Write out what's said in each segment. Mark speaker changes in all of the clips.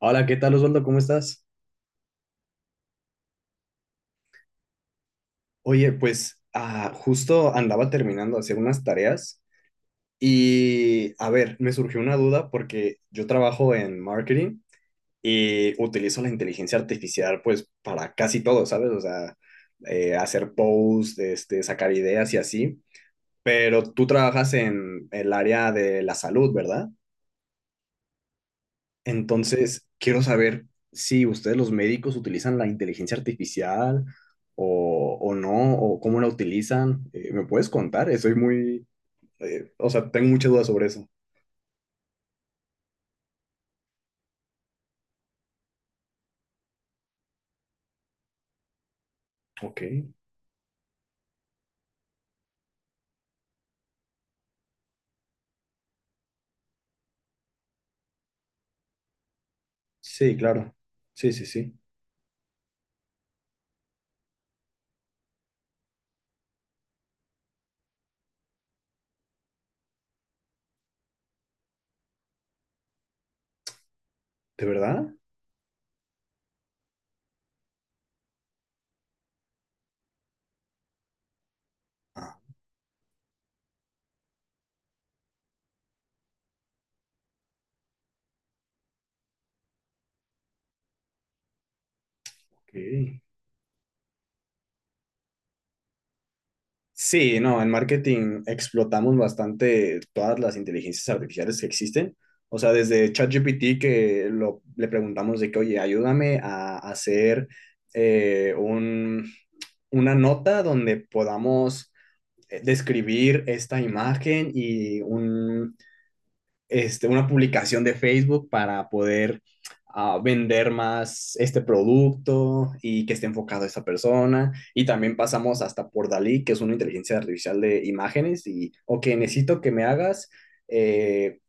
Speaker 1: Hola, ¿qué tal Osvaldo? ¿Cómo estás? Oye, pues justo andaba terminando de hacer unas tareas y, a ver, me surgió una duda porque yo trabajo en marketing y utilizo la inteligencia artificial pues para casi todo, ¿sabes? O sea, hacer posts, sacar ideas y así, pero tú trabajas en el área de la salud, ¿verdad? Entonces, quiero saber si ustedes los médicos utilizan la inteligencia artificial o no, o cómo la utilizan. ¿me puedes contar? Estoy muy, o sea, tengo muchas dudas sobre eso. Ok. Sí, claro. Sí, sí, sí. ¿De verdad? Ah, ok. Sí, no, en marketing explotamos bastante todas las inteligencias artificiales que existen. O sea, desde ChatGPT que le preguntamos de que, oye, ayúdame a hacer eh, un, una nota donde podamos describir esta imagen y una publicación de Facebook para poder vender más este producto y que esté enfocado a esta persona. Y también pasamos hasta por Dalí, que es una inteligencia artificial de imágenes. Y, ok, necesito que me hagas eh,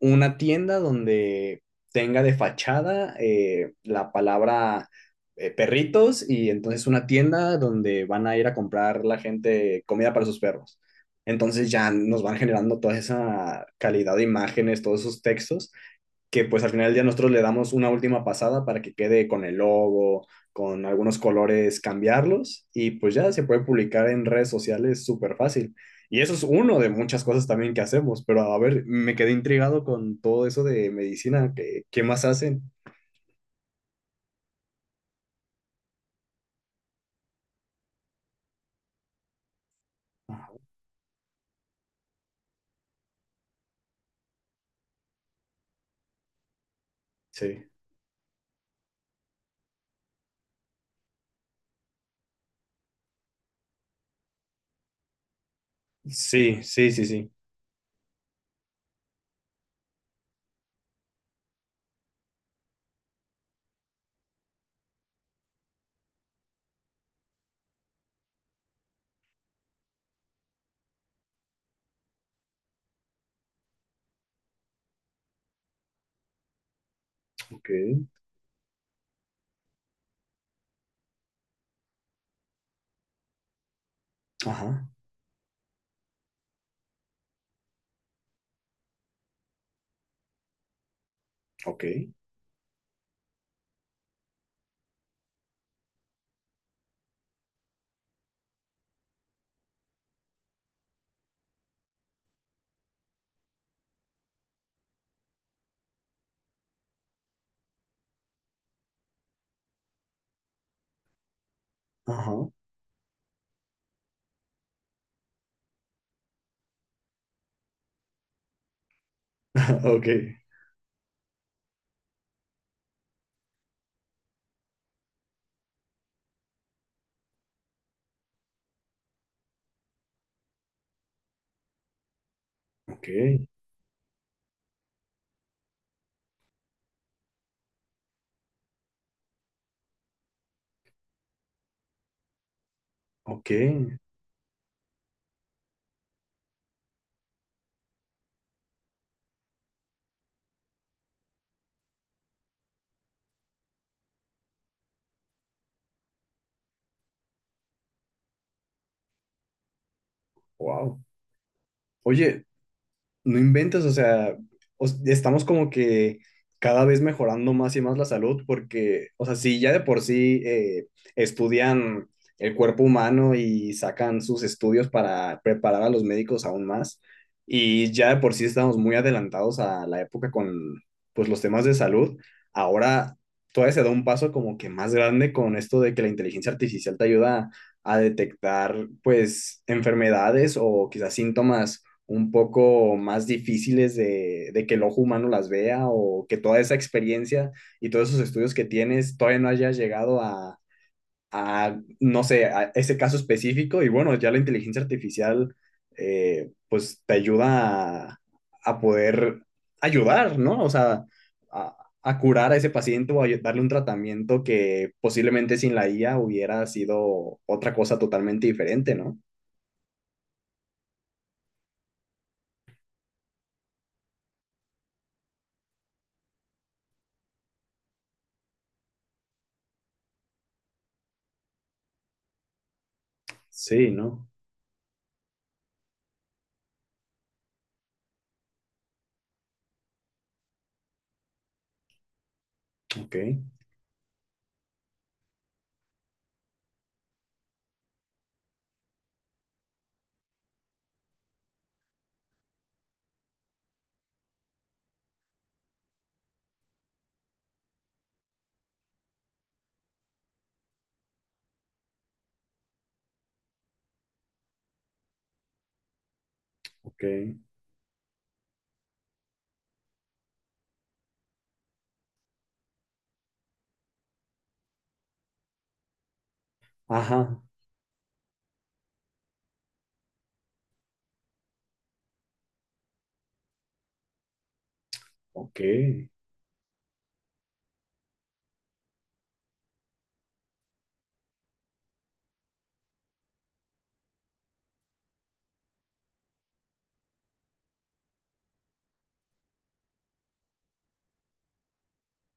Speaker 1: una tienda donde tenga de fachada la palabra perritos y entonces una tienda donde van a ir a comprar la gente comida para sus perros. Entonces ya nos van generando toda esa calidad de imágenes, todos esos textos que pues al final del día nosotros le damos una última pasada para que quede con el logo, con algunos colores, cambiarlos y pues ya se puede publicar en redes sociales súper fácil. Y eso es uno de muchas cosas también que hacemos, pero a ver, me quedé intrigado con todo eso de medicina, ¿qué más hacen? Ajá. Sí, sí, sí, sí, sí. Ok, ajá, ok, ajá, ok, ok, ok, wow. Oye, no inventas, o sea, estamos como que cada vez mejorando más y más la salud porque, o sea, si ya de por sí estudian el cuerpo humano y sacan sus estudios para preparar a los médicos aún más, y ya de por sí estamos muy adelantados a la época con, pues, los temas de salud, ahora todavía se da un paso como que más grande con esto de que la inteligencia artificial te ayuda a detectar, pues, enfermedades o quizás síntomas un poco más difíciles de que el ojo humano las vea o que toda esa experiencia y todos esos estudios que tienes todavía no hayas llegado a no sé, a ese caso específico y bueno, ya la inteligencia artificial pues te ayuda a, poder ayudar, ¿no? O sea, a curar a ese paciente o a darle un tratamiento que posiblemente sin la IA hubiera sido otra cosa totalmente diferente, ¿no? Sí, ¿no? Ok, ok. Ajá. Ok,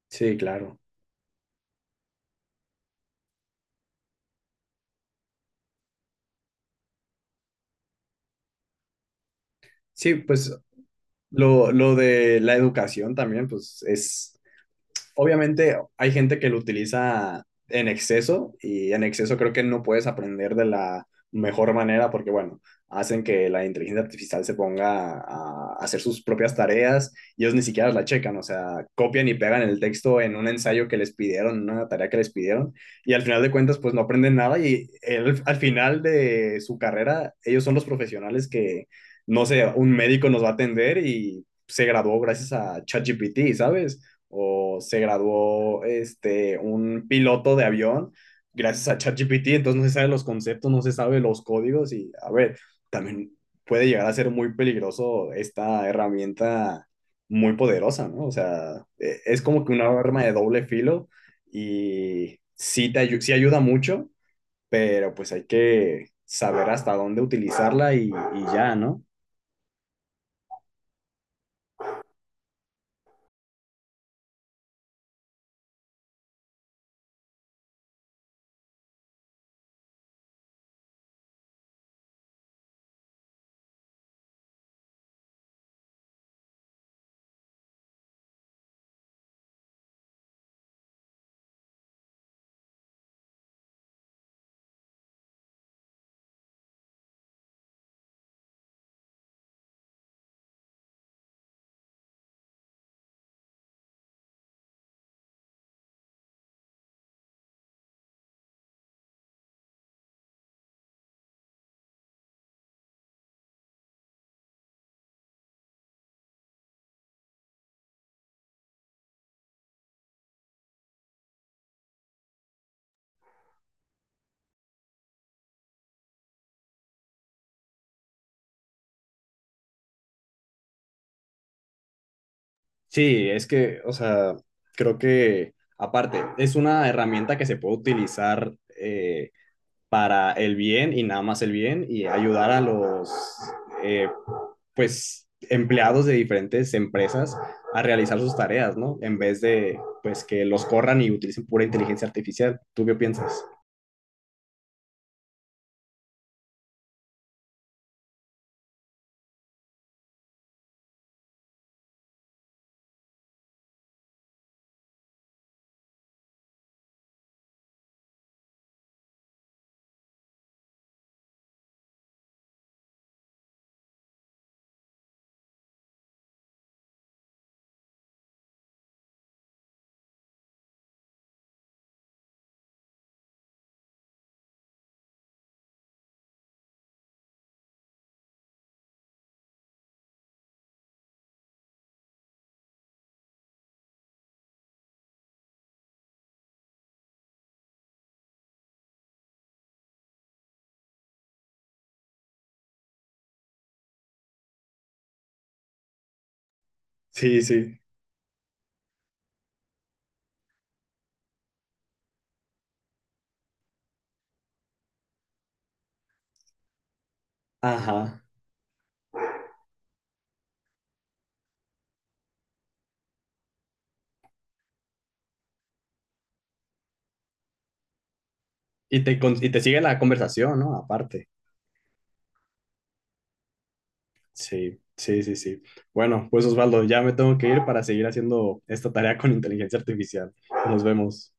Speaker 1: sí, claro. Sí, pues lo de la educación también, pues es, obviamente hay gente que lo utiliza en exceso y en exceso creo que no puedes aprender de la mejor manera porque, bueno, hacen que la inteligencia artificial se ponga a hacer sus propias tareas y ellos ni siquiera la checan, o sea, copian y pegan el texto en un ensayo que les pidieron, en una tarea que les pidieron, y al final de cuentas, pues no aprenden nada y el, al final de su carrera, ellos son los profesionales que, no sé, un médico nos va a atender y se graduó gracias a ChatGPT, ¿sabes? O se graduó este, un piloto de avión gracias a ChatGPT, entonces no se sabe los conceptos, no se sabe los códigos y a ver, también puede llegar a ser muy peligroso esta herramienta muy poderosa, ¿no? O sea, es como que una arma de doble filo y sí, te ayu sí ayuda mucho, pero pues hay que saber hasta dónde utilizarla y ya, ¿no? Sí, es que, o sea, creo que aparte es una herramienta que se puede utilizar eh, para el bien y nada más el bien y ayudar a los, eh, pues, empleados de diferentes empresas a realizar sus tareas, ¿no? En vez de, pues, que los corran y utilicen pura inteligencia artificial. ¿Tú qué piensas? Sí, sí. Ajá. Y te, y te sigue la conversación, ¿no? Aparte. Sí, sí, sí, sí. Bueno, pues Osvaldo, ya me tengo que ir para seguir haciendo esta tarea con inteligencia artificial. Nos vemos.